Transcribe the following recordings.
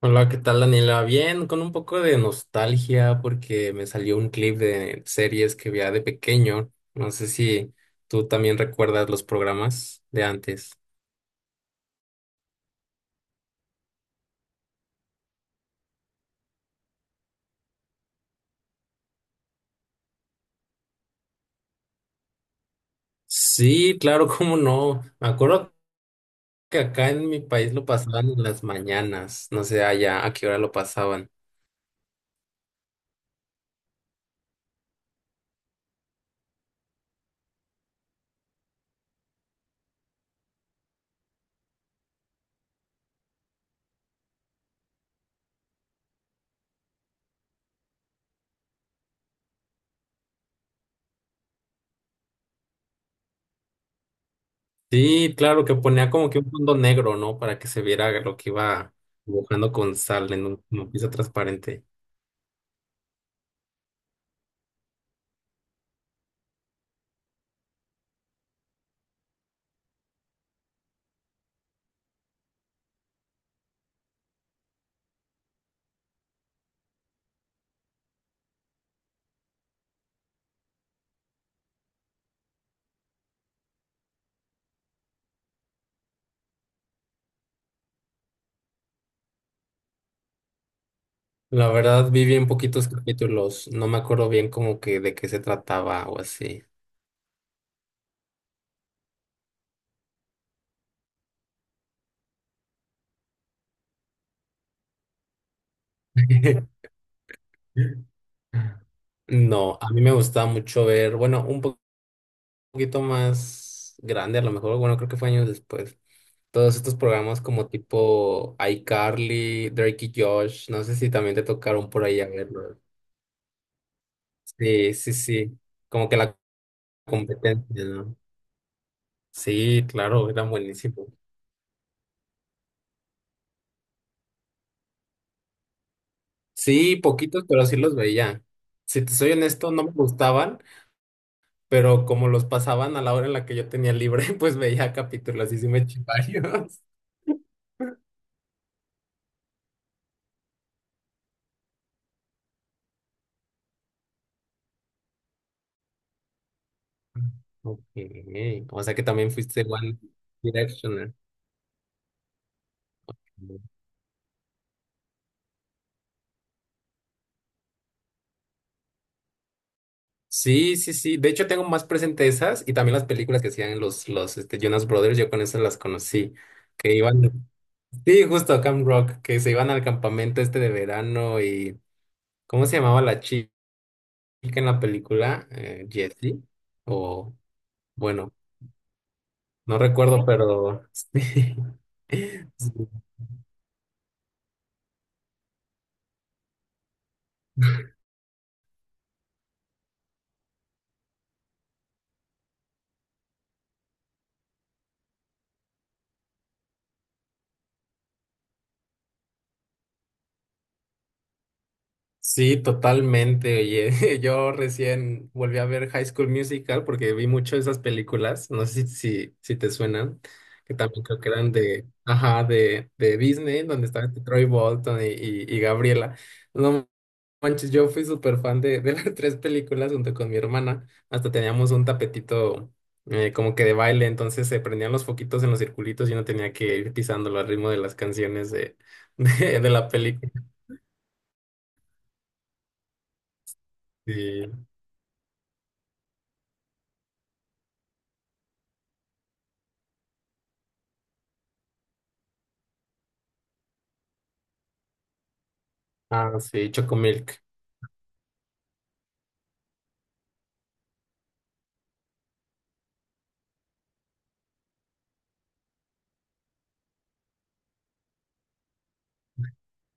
Hola, ¿qué tal, Daniela? Bien, con un poco de nostalgia porque me salió un clip de series que veía de pequeño. No sé si tú también recuerdas los programas de antes. Sí, claro, cómo no. Me acuerdo que acá en mi país lo pasaban en las mañanas. No sé allá a qué hora lo pasaban. Sí, claro, que ponía como que un fondo negro, ¿no? Para que se viera lo que iba dibujando con sal en una pieza transparente. La verdad, vi bien poquitos capítulos. No me acuerdo bien como que de qué se trataba o así. No, a mí me gustaba mucho ver, bueno, poquito más grande, a lo mejor, bueno, creo que fue años después. Todos estos programas como tipo iCarly, Drake y Josh, no sé si también te tocaron por ahí a verlo. Sí, sí, sí. Como que la competencia, ¿no? Sí, claro, eran buenísimos. Sí, poquitos, pero sí los veía. Si te soy honesto, no me gustaban, pero como los pasaban a la hora en la que yo tenía libre, pues veía capítulos y sí me eché varios. Ok, o sea que también fuiste One Directioner. Sí, sí, sí. De hecho, tengo más presente esas y también las películas que hacían los Jonas Brothers. Yo con esas las conocí. Que iban. Sí, justo a Camp Rock, que se iban al campamento este de verano. Y. ¿Cómo se llamaba la chica en la película? Jessie. O, bueno, no recuerdo, pero. Sí. Sí, totalmente. Oye, yo recién volví a ver High School Musical porque vi mucho esas películas. No sé si te suenan, que también creo que eran de, ajá, de Disney, donde estaban Troy Bolton y Gabriela. No manches, yo fui súper fan de las tres películas junto con mi hermana. Hasta teníamos un tapetito como que de baile, entonces se prendían los foquitos en los circulitos y uno tenía que ir pisándolo al ritmo de las canciones de la película. Sí. Ah, sí, Chocomilk.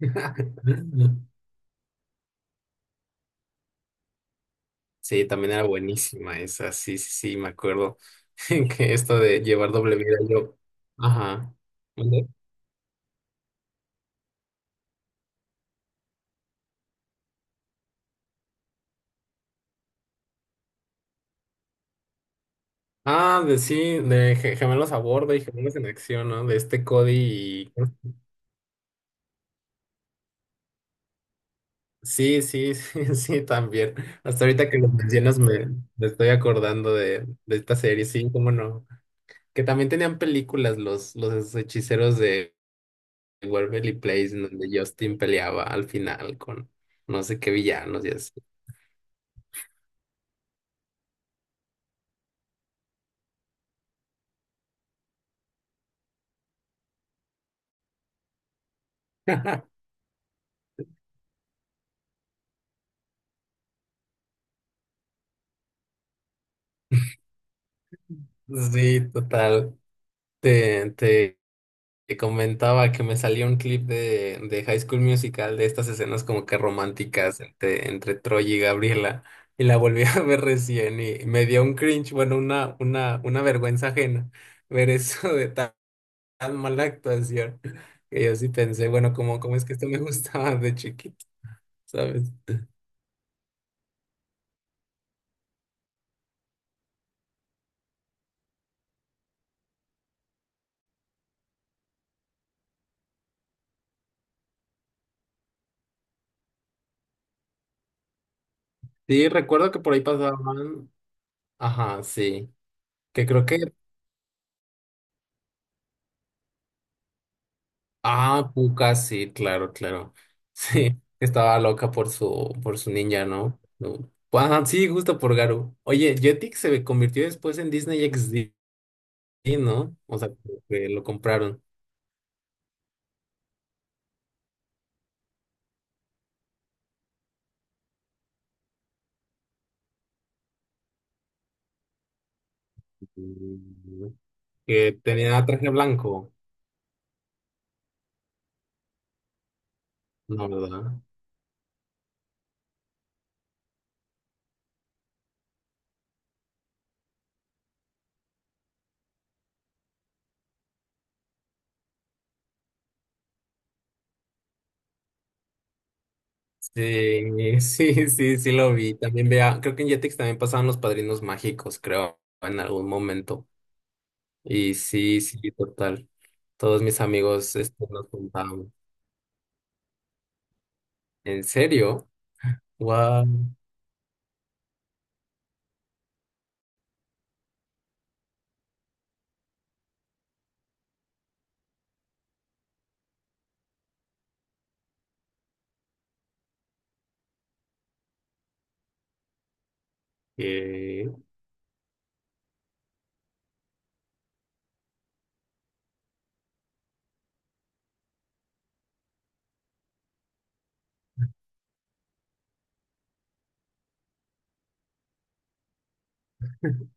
Sí, también era buenísima esa, sí, sí, sí, me acuerdo que esto de llevar doble vida yo. Ajá. ¿Mande? Ah, de sí, de gemelos a bordo y gemelos en acción, ¿no? De este Cody y... Sí, sí, sí, sí, también. Hasta ahorita que lo mencionas me, me estoy acordando de esta serie, sí, cómo no. Que también tenían películas los hechiceros de Waverly Place, en donde Justin peleaba al final con no sé qué villanos y así. Sí, total. Te, te, te comentaba que me salió un clip de High School Musical de estas escenas como que románticas entre Troy y Gabriela y la volví a ver recién y me dio un cringe, bueno, una vergüenza ajena ver eso de tan mala actuación. Que yo sí pensé, bueno, ¿cómo es que esto me gustaba de chiquito, ¿sabes? Sí, recuerdo que por ahí pasaban. Ajá, sí. Que creo que. Ah, Puka, sí, claro, claro. Sí, estaba loca por por su ninja, ¿no? No. Ajá, sí, justo por Garu. Oye, Jetix se convirtió después en Disney XD, ¿no? O sea, como que lo compraron. Mm, que tenía traje blanco, ¿no, verdad? Sí, sí, sí, sí lo vi. También vea, creo que en Jetix también pasaban los padrinos mágicos, creo, en algún momento. Y sí, sí, total. Todos mis amigos este, nos contaban. ¿En serio? Wow. Eh,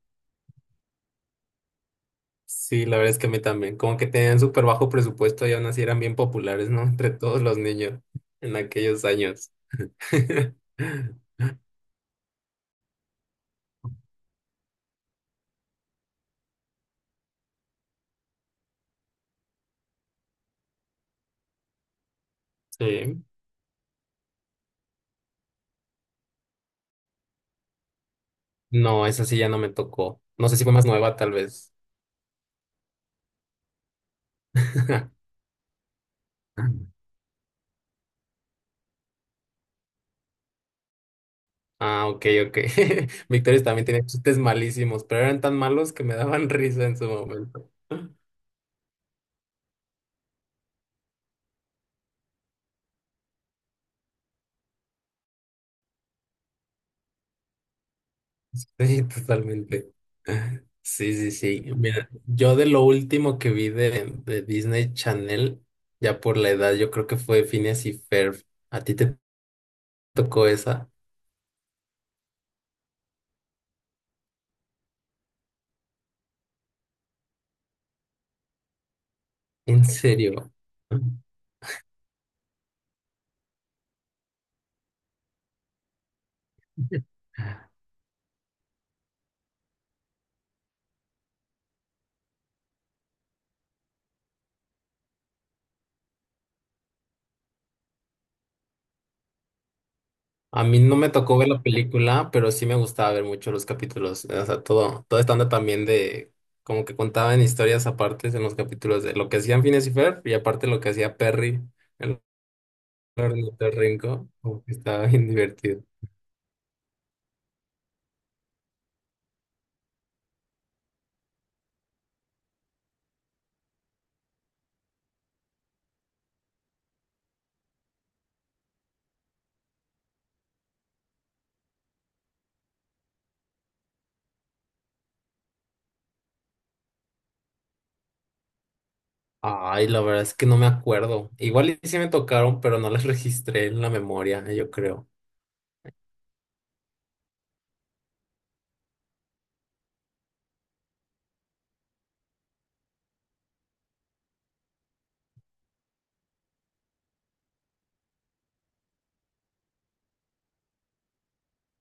sí, la verdad es que a mí también. Como que tenían súper bajo presupuesto y aún así eran bien populares, ¿no? Entre todos los niños en aquellos años. Sí. No, esa sí ya no me tocó. No sé si fue más nueva, tal vez. Ah, ok, ok. Victorious también tenía chistes malísimos, pero eran tan malos que me daban risa en su momento. Sí, totalmente. Sí, sí, sí. Mira, yo de lo último que vi de Disney Channel, ya por la edad, yo creo que fue Phineas y Ferb. ¿A ti te tocó esa? ¿En serio? A mí no me tocó ver la película, pero sí me gustaba ver mucho los capítulos. O sea, todo, todo estando también de, como que contaban historias aparte en los capítulos de lo que hacían Phineas y Ferb y aparte lo que hacía Perry, el ornitorrinco, como que estaba bien divertido. Ay, la verdad es que no me acuerdo. Igual y sí me tocaron, pero no las registré en la memoria, yo creo.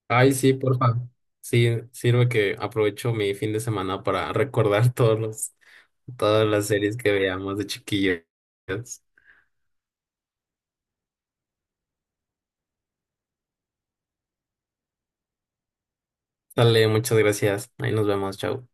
Ay, sí, porfa. Sí, sirve que aprovecho mi fin de semana para recordar todos los, todas las series que veamos de chiquillos. Dale, muchas gracias. Ahí nos vemos, chao.